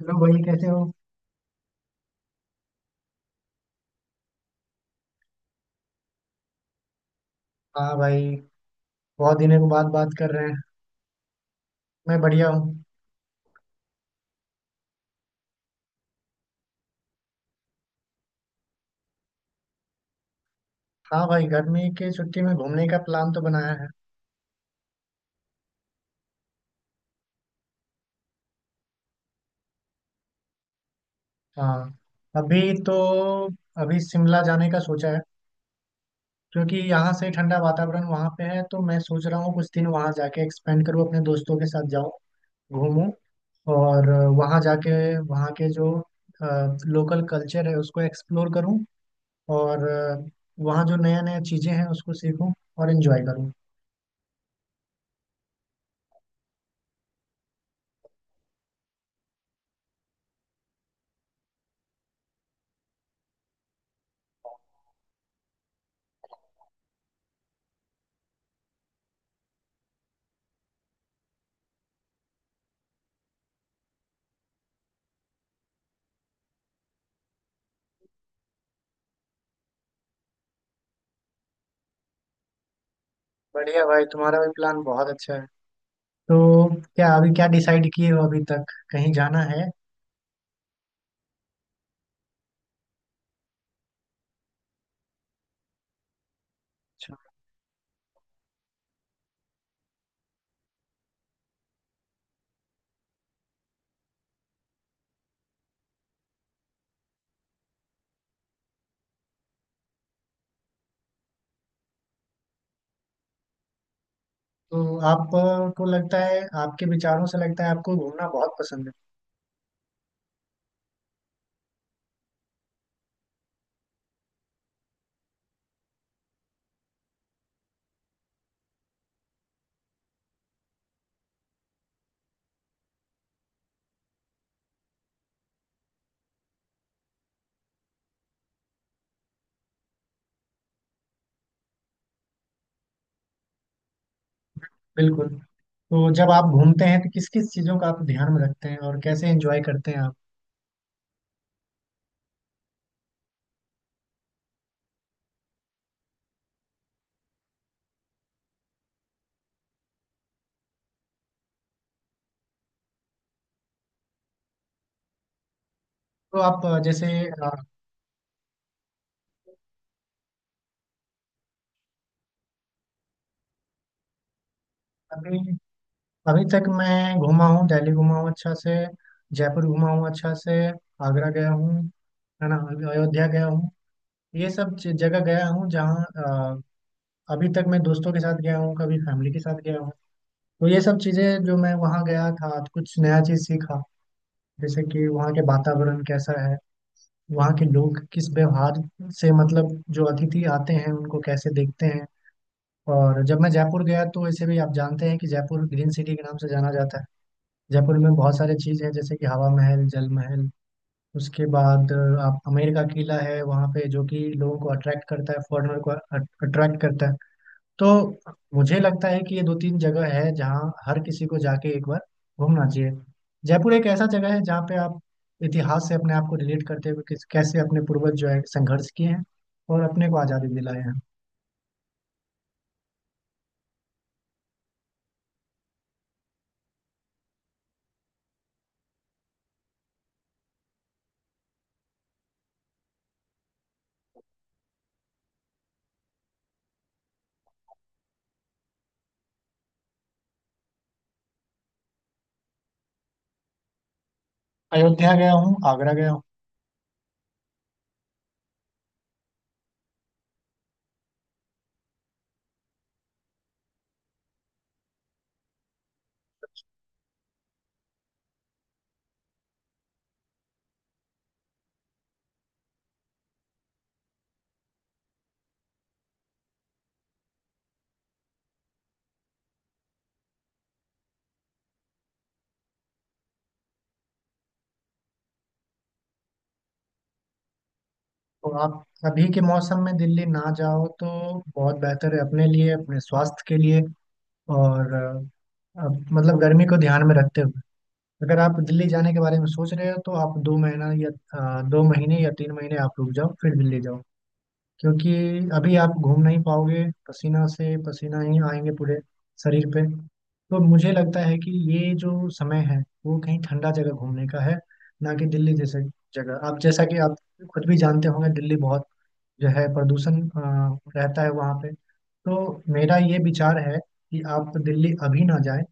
Hello भाई, कैसे हो? हाँ भाई, बहुत दिनों के बाद बात कर रहे हैं। मैं बढ़िया हूँ। हाँ भाई, गर्मी की छुट्टी में घूमने का प्लान तो बनाया है। हाँ। अभी तो अभी शिमला जाने का सोचा है, क्योंकि यहाँ से ठंडा वातावरण वहाँ पे है, तो मैं सोच रहा हूँ कुछ दिन वहाँ जाके एक्सपेंड करूँ, अपने दोस्तों के साथ जाऊँ, घूमूं, और वहाँ जाके वहाँ के जो लोकल कल्चर है उसको एक्सप्लोर करूँ, और वहाँ जो नया नया चीज़ें हैं उसको सीखूँ और एंजॉय करूँ। बढ़िया भाई, तुम्हारा भी प्लान बहुत अच्छा है। तो क्या अभी क्या डिसाइड किए हो अभी तक? कहीं जाना है? अच्छा। तो आपको लगता है, आपके विचारों से लगता है आपको घूमना बहुत पसंद है। बिल्कुल। तो जब आप घूमते हैं तो किस किस चीज़ों का आप ध्यान में रखते हैं और कैसे एंजॉय करते हैं आप? तो आप जैसे अभी अभी तक मैं घूमा हूँ, दिल्ली घूमा हूँ अच्छा से, जयपुर घूमा हूँ अच्छा से, आगरा गया हूँ, है ना, अयोध्या गया हूँ, ये सब जगह गया हूँ। जहाँ अभी तक मैं दोस्तों के साथ गया हूँ, कभी फैमिली के साथ गया हूँ। तो ये सब चीज़ें जो मैं वहाँ गया था, तो कुछ नया चीज़ सीखा, जैसे कि वहाँ के वातावरण कैसा है, वहाँ के लोग किस व्यवहार से, मतलब जो अतिथि आते हैं उनको कैसे देखते हैं। और जब मैं जयपुर गया, तो वैसे भी आप जानते हैं कि जयपुर ग्रीन सिटी के नाम से जाना जाता है। जयपुर में बहुत सारे चीज़ हैं, जैसे कि हवा महल, जल महल, उसके बाद आप आमेर का किला है वहाँ पे, जो कि लोगों को अट्रैक्ट करता है, फॉरेनर को अट्रैक्ट करता है। तो मुझे लगता है कि ये दो तीन जगह है जहाँ हर किसी को जाके एक बार घूमना चाहिए। जयपुर एक ऐसा जगह है जहाँ पे आप इतिहास से अपने आप को रिलेट करते हुए किस कैसे अपने पूर्वज जो है संघर्ष किए हैं और अपने को आज़ादी दिलाए हैं। अयोध्या गया हूँ, आगरा गया हूँ। तो आप अभी के मौसम में दिल्ली ना जाओ तो बहुत बेहतर है, अपने लिए, अपने स्वास्थ्य के लिए। और मतलब गर्मी को ध्यान में रखते हुए अगर आप दिल्ली जाने के बारे में सोच रहे हो, तो आप 2 महीना या 2 महीने या 3 महीने आप रुक जाओ, फिर दिल्ली जाओ। क्योंकि अभी आप घूम नहीं पाओगे, पसीना से पसीना ही आएंगे पूरे शरीर पे। तो मुझे लगता है कि ये जो समय है वो कहीं ठंडा जगह घूमने का है, ना कि दिल्ली जैसे जगह। आप जैसा कि आप खुद भी जानते होंगे, दिल्ली बहुत जो है प्रदूषण रहता है वहाँ पे। तो मेरा ये विचार है कि आप दिल्ली अभी ना जाएं,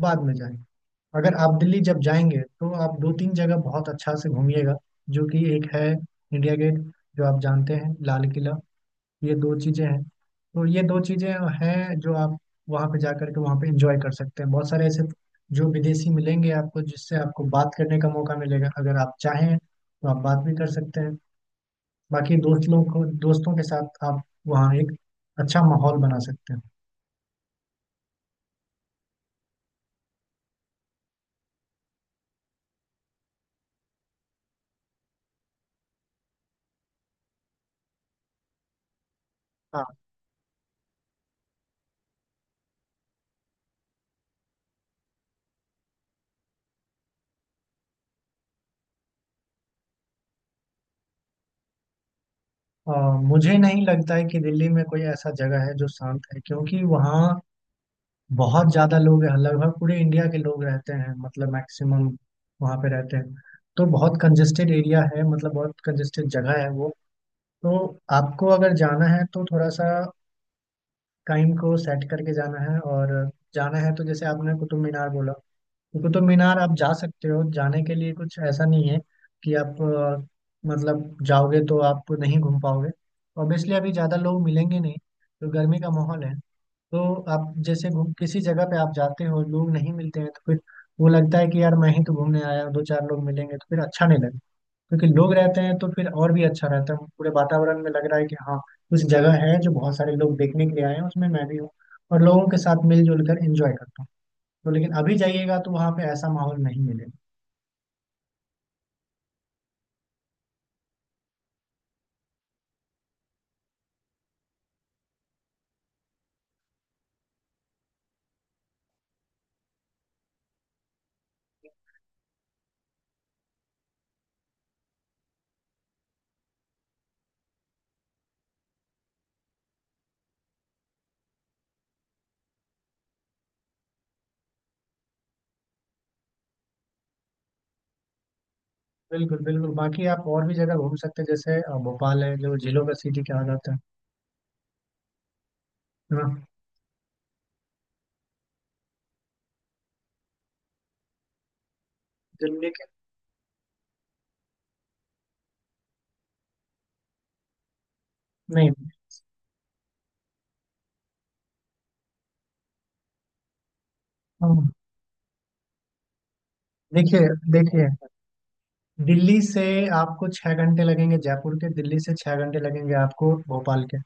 बाद में जाएं। अगर आप दिल्ली जब जाएंगे तो आप दो तीन जगह बहुत अच्छा से घूमिएगा, जो कि एक है इंडिया गेट, जो आप जानते हैं लाल किला। ये दो चीज़ें हैं। तो ये दो चीज़ें हैं जो आप वहाँ पे जा करके वहाँ पे एंजॉय कर सकते हैं। बहुत सारे ऐसे जो विदेशी मिलेंगे आपको, जिससे आपको बात करने का मौका मिलेगा। अगर आप चाहें तो आप बात भी कर सकते हैं। बाकी दोस्त लोग को, दोस्तों के साथ आप वहाँ एक अच्छा माहौल बना सकते हैं। हाँ। अ, मुझे नहीं लगता है कि दिल्ली में कोई ऐसा जगह है जो शांत है, क्योंकि वहाँ बहुत ज्यादा लोग हैं, लगभग पूरे इंडिया के लोग रहते हैं, मतलब मैक्सिमम वहाँ पे रहते हैं। तो बहुत कंजेस्टेड एरिया है, मतलब बहुत कंजेस्टेड जगह है वो। तो आपको अगर जाना है तो थोड़ा सा टाइम को सेट करके जाना है। और जाना है तो जैसे आपने कुतुब मीनार बोला, तो कुतुब मीनार आप जा सकते हो। जाने के लिए कुछ ऐसा नहीं है कि आप मतलब जाओगे तो आप नहीं घूम पाओगे। ऑब्वियसली अभी ज़्यादा लोग मिलेंगे नहीं, तो गर्मी का माहौल है। तो आप जैसे घूम किसी जगह पे आप जाते हो, लोग नहीं मिलते हैं, तो फिर वो लगता है कि यार मैं ही तो घूमने आया हूँ, दो चार लोग मिलेंगे तो फिर अच्छा नहीं लगता। क्योंकि लोग रहते हैं तो फिर और भी अच्छा रहता है, पूरे वातावरण में लग रहा है कि हाँ कुछ जगह है जो बहुत सारे लोग देखने के लिए आए हैं, उसमें मैं भी हूँ, और लोगों के साथ मिलजुल कर एंजॉय करता हूँ। तो लेकिन अभी जाइएगा तो वहाँ पे ऐसा माहौल नहीं मिलेगा। बिल्कुल बिल्कुल, बाकी आप और भी जगह घूम सकते हैं, जैसे भोपाल है जो झीलों का सिटी कहा जाता है। हाँ, दिल्ली के, नहीं। हाँ, देखिए, देखिए, दिल्ली से आपको 6 घंटे लगेंगे जयपुर के, दिल्ली से 6 घंटे लगेंगे आपको भोपाल के।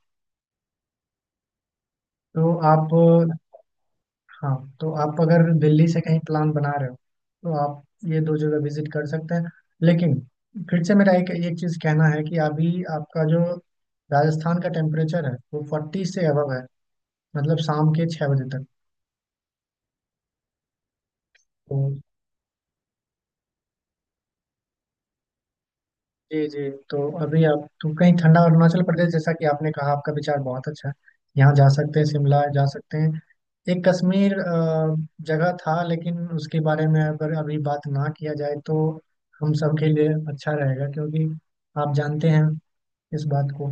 तो आप, हाँ, तो आप अगर दिल्ली से कहीं प्लान बना रहे हो, तो आप ये दो जगह विजिट कर सकते हैं। लेकिन फिर से मेरा एक एक चीज़ कहना है कि अभी आपका जो राजस्थान का टेम्परेचर है वो 40 से अबव है, मतलब शाम के 6 बजे तक। तो जी जी। तो अभी आप तो कहीं ठंडा अरुणाचल प्रदेश जैसा कि आपने कहा, आपका विचार बहुत अच्छा है, यहाँ जा सकते हैं, शिमला जा सकते हैं। एक कश्मीर जगह था, लेकिन उसके बारे में अगर अभी बात ना किया जाए तो हम सबके लिए अच्छा रहेगा, क्योंकि आप जानते हैं इस बात को।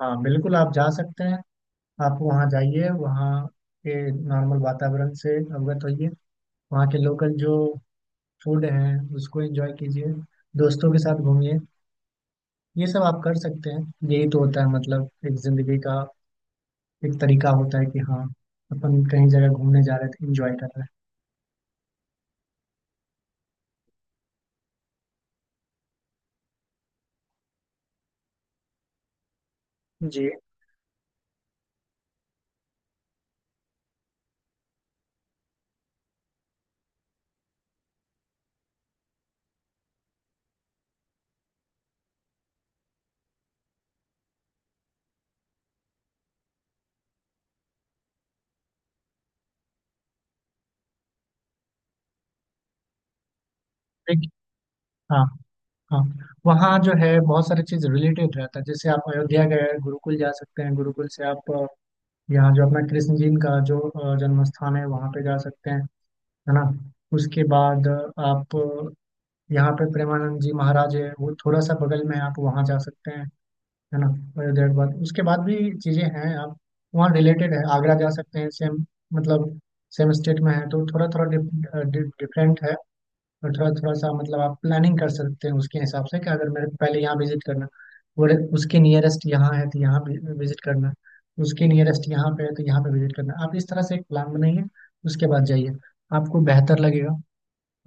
हाँ बिल्कुल, आप जा सकते हैं। आप वहाँ जाइए, वहाँ के नॉर्मल वातावरण से अवगत होइए, वहाँ के लोकल जो फूड हैं उसको एंजॉय कीजिए, दोस्तों के साथ घूमिए, ये सब आप कर सकते हैं। यही तो होता है, मतलब एक जिंदगी का एक तरीका होता है कि हाँ अपन कहीं जगह घूमने जा रहे थे, एंजॉय कर रहे। जी हैं। एक, हाँ, हाँ, वहाँ जो है बहुत सारी चीज रिलेटेड रहता है। जैसे आप अयोध्या गए, गुरुकुल जा सकते हैं, गुरुकुल से आप यहाँ जो अपना कृष्ण जी का जो जन्म स्थान है वहाँ पे जा सकते हैं, है ना। उसके बाद आप यहाँ पे प्रेमानंद जी महाराज है, वो थोड़ा सा बगल में है, आप वहाँ जा सकते हैं, है ना। देर बाद उसके बाद भी चीज़ें हैं, आप वहाँ रिलेटेड है, आगरा जा सकते हैं, सेम मतलब सेम स्टेट में है, तो थोड़ा थोड़ा डिफरेंट है। और थोड़ा थोड़ा सा मतलब आप प्लानिंग कर सकते हैं उसके हिसाब से कि अगर मेरे को पहले यहाँ विजिट करना, और उसके नियरेस्ट यहाँ है तो यहाँ विजिट करना, उसके नियरेस्ट यहाँ पे है तो यहाँ पे विजिट करना। आप इस तरह से एक प्लान बनाइए, उसके बाद जाइए, आपको बेहतर लगेगा।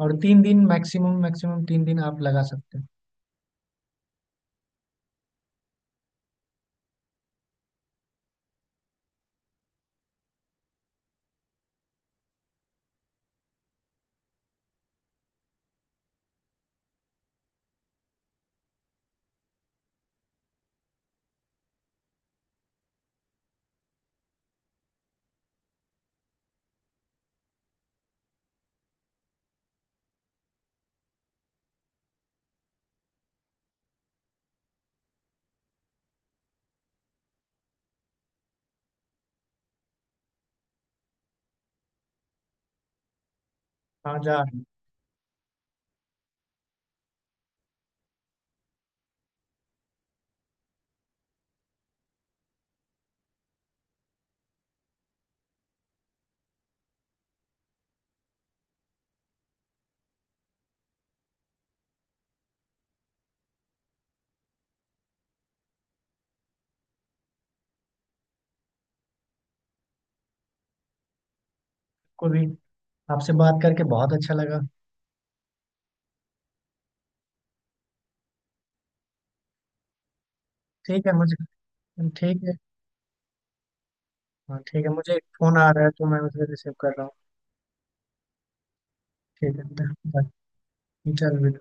और 3 दिन मैक्सिमम, मैक्सिमम 3 दिन आप लगा सकते हैं। हाँ जा। कोई भी, आपसे बात करके बहुत अच्छा लगा। ठीक है मुझे। ठीक है, हाँ ठीक है, मुझे एक फोन आ रहा है, तो मैं उसे रिसीव कर रहा हूँ। ठीक है, धन्यवाद। चल।